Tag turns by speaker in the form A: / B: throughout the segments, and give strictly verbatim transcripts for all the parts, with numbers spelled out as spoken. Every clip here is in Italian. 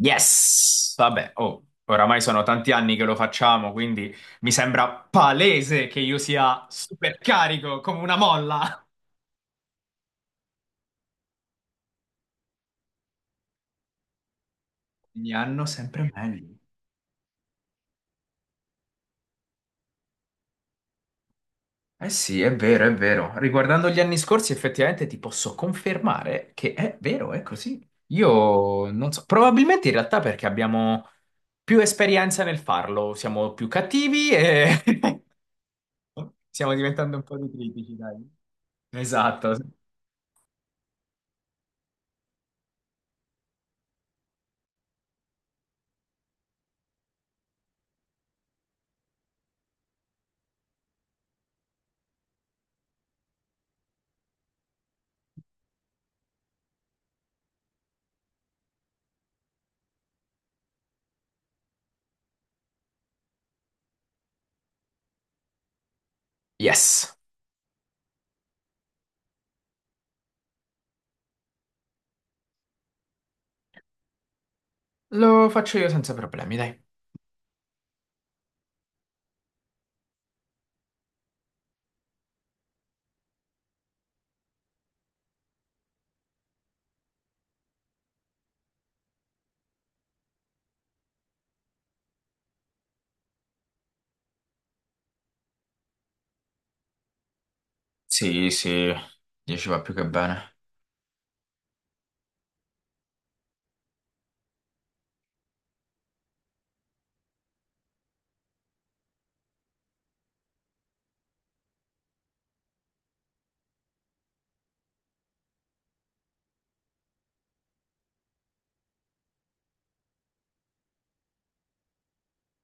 A: Yes! Vabbè, oh, oramai sono tanti anni che lo facciamo, quindi mi sembra palese che io sia super carico come una molla. Ogni anno sempre meglio. Eh sì, è vero, è vero. Riguardando gli anni scorsi, effettivamente ti posso confermare che è vero, è così. Io non so, probabilmente in realtà perché abbiamo più esperienza nel farlo, siamo più cattivi e stiamo diventando un po' di critici, dai. Esatto. Yes. Lo faccio io senza problemi, dai. Sì, sì, dieci va più che bene.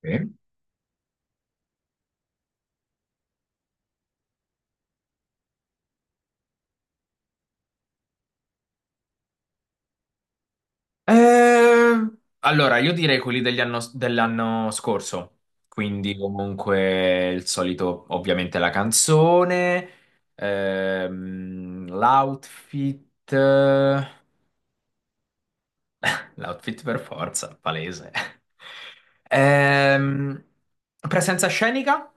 A: Sì. Eh, allora, io direi quelli degli anno- dell'anno scorso, quindi comunque il solito, ovviamente la canzone, ehm, l'outfit, eh, l'outfit per forza, palese. Ehm, Presenza scenica?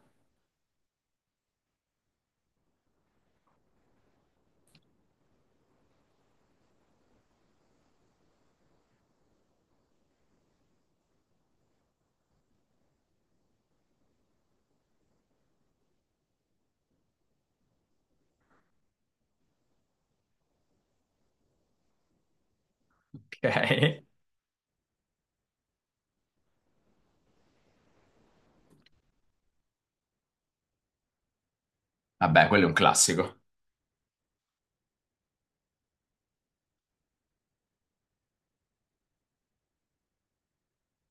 A: Ok, vabbè, quello è un classico.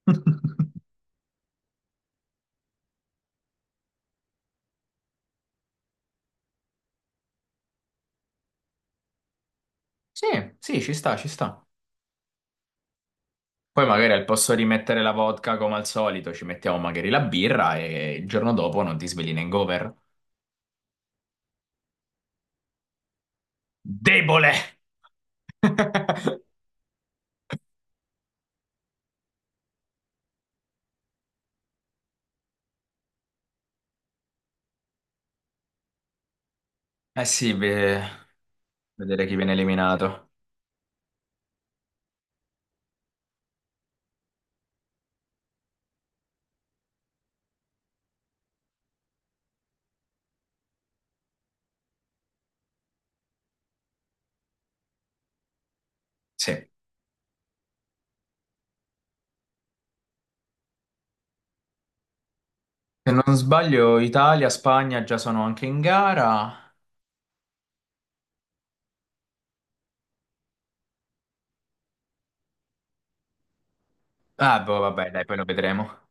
A: Sì, sì, ci sta, ci sta. Poi magari al posto di mettere la vodka come al solito ci mettiamo magari la birra e il giorno dopo non ti svegli in hangover. Debole! Eh sì, beh, vedere chi viene eliminato. Sì. Se non sbaglio, Italia, Spagna già sono anche in gara. Ah, boh, vabbè, dai, poi lo vedremo.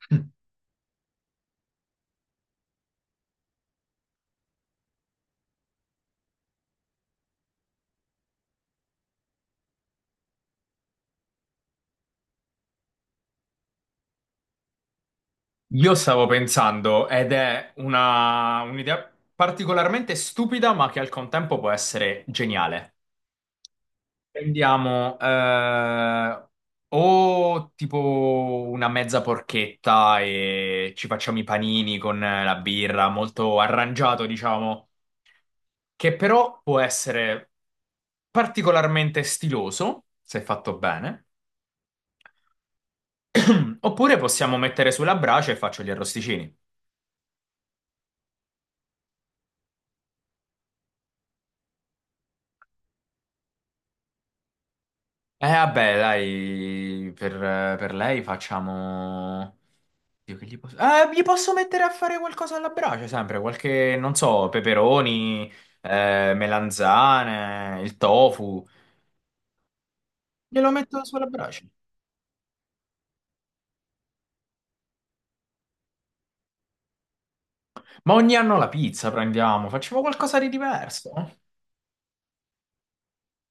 A: Io stavo pensando, ed è una un'idea particolarmente stupida, ma che al contempo può essere geniale. Prendiamo eh, O tipo una mezza porchetta e ci facciamo i panini con la birra, molto arrangiato, diciamo, che però può essere particolarmente stiloso, se fatto bene. Oppure possiamo mettere sulla brace e faccio gli arrosticini. Eh vabbè, dai, per, per lei facciamo... Io che gli posso... Eh, gli posso mettere a fare qualcosa alla brace, sempre, qualche, non so, peperoni, eh, melanzane, il tofu. Glielo metto sulla brace. Ma ogni anno la pizza prendiamo, facciamo qualcosa di diverso.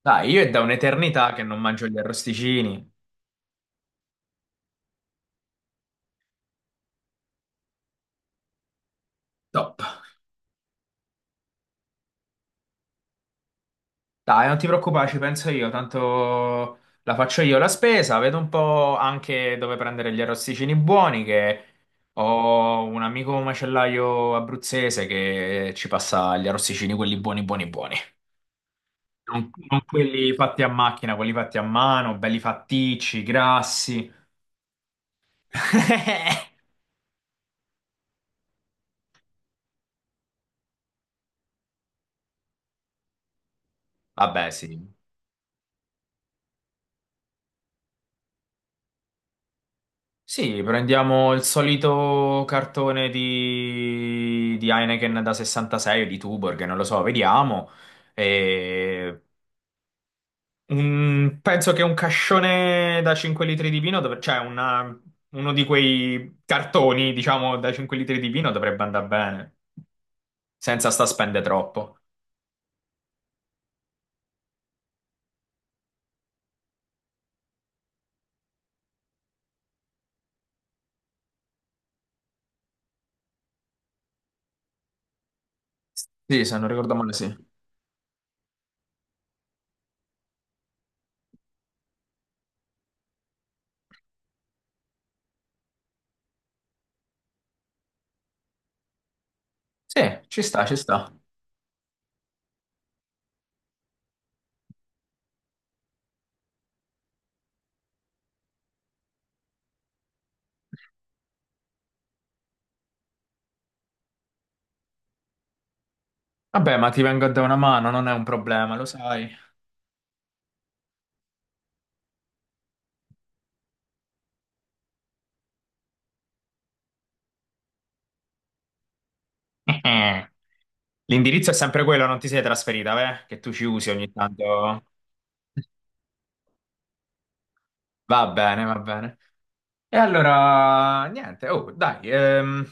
A: Dai, io è da un'eternità che non mangio gli arrosticini. Top. Dai, non ti preoccupare, ci penso io, tanto la faccio io la spesa, vedo un po' anche dove prendere gli arrosticini buoni, che ho un amico macellaio abruzzese che ci passa gli arrosticini, quelli buoni, buoni, buoni. Non, non quelli fatti a macchina, quelli fatti a mano, belli fatticci, grassi. Vabbè, sì, sì, prendiamo il solito cartone di, di Heineken da sessantasei o di Tuborg, non lo so, vediamo. E un- penso che un cascione da cinque litri di vino, dovre- cioè una- uno di quei cartoni, diciamo, da cinque litri di vino dovrebbe andare bene, senza sta spende troppo. Sì, se non ricordo male, sì. Sì, ci sta, ci sta. Vabbè, ma ti vengo a dare una mano, non è un problema, lo sai. L'indirizzo è sempre quello, non ti sei trasferita, beh? Che tu ci usi ogni tanto. Va bene, va bene. E allora, niente, oh, dai, ehm,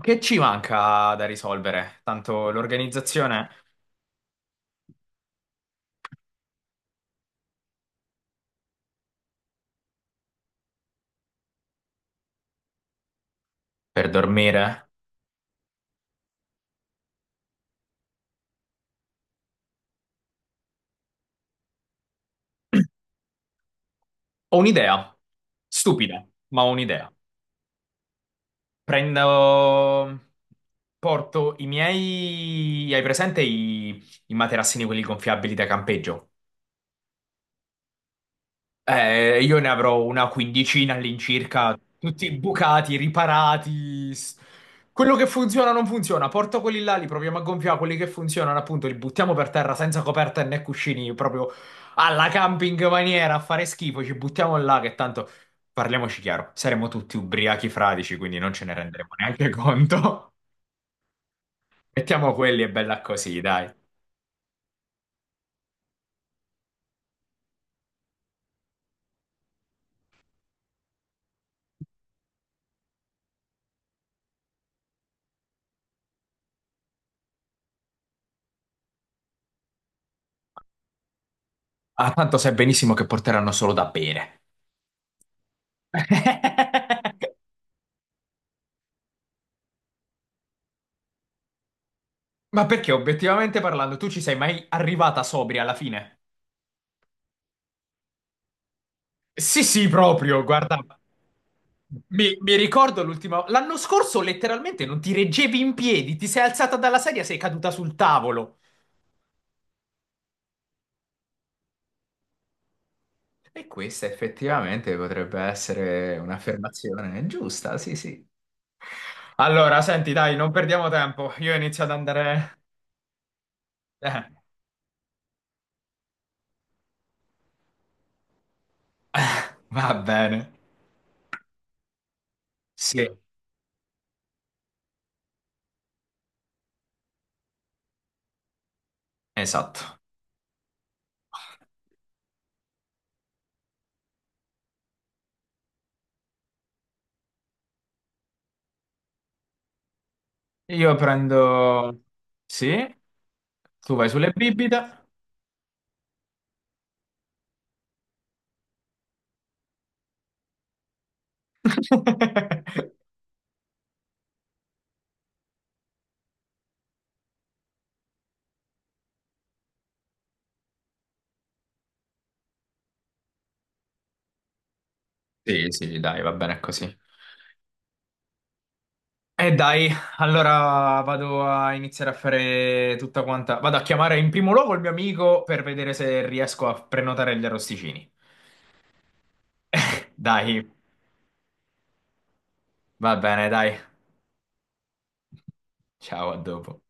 A: che ci manca da risolvere? Tanto l'organizzazione per dormire. Ho un'idea, stupida, ma ho un'idea. Prendo, Porto i miei, hai presente i, i materassini quelli gonfiabili da campeggio? Eh, io ne avrò una quindicina all'incirca, tutti bucati, riparati. s- Quello che funziona non funziona, porto quelli là, li proviamo a gonfiare, quelli che funzionano appunto li buttiamo per terra senza coperta e né cuscini, proprio alla camping maniera, a fare schifo, ci buttiamo là che tanto, parliamoci chiaro, saremo tutti ubriachi fradici, quindi non ce ne renderemo neanche conto. Mettiamo quelli e bella così, dai. Ah, tanto sai benissimo che porteranno solo da bere. Ma perché obiettivamente parlando, tu ci sei mai arrivata sobria alla fine? Sì, sì, proprio, guarda. Mi, mi ricordo l'ultima. L'anno scorso letteralmente non ti reggevi in piedi, ti sei alzata dalla sedia, sei caduta sul tavolo. E questa effettivamente potrebbe essere un'affermazione giusta, sì, sì. Allora, senti, dai, non perdiamo tempo. Io inizio ad andare. Eh, va bene. Sì, esatto. Io prendo. Sì, tu vai sulle bibite. Sì, sì, dai, va bene così. E dai, allora vado a iniziare a fare tutta quanta. Vado a chiamare in primo luogo il mio amico per vedere se riesco a prenotare gli arrosticini. Dai, va bene, dai. Ciao, a dopo.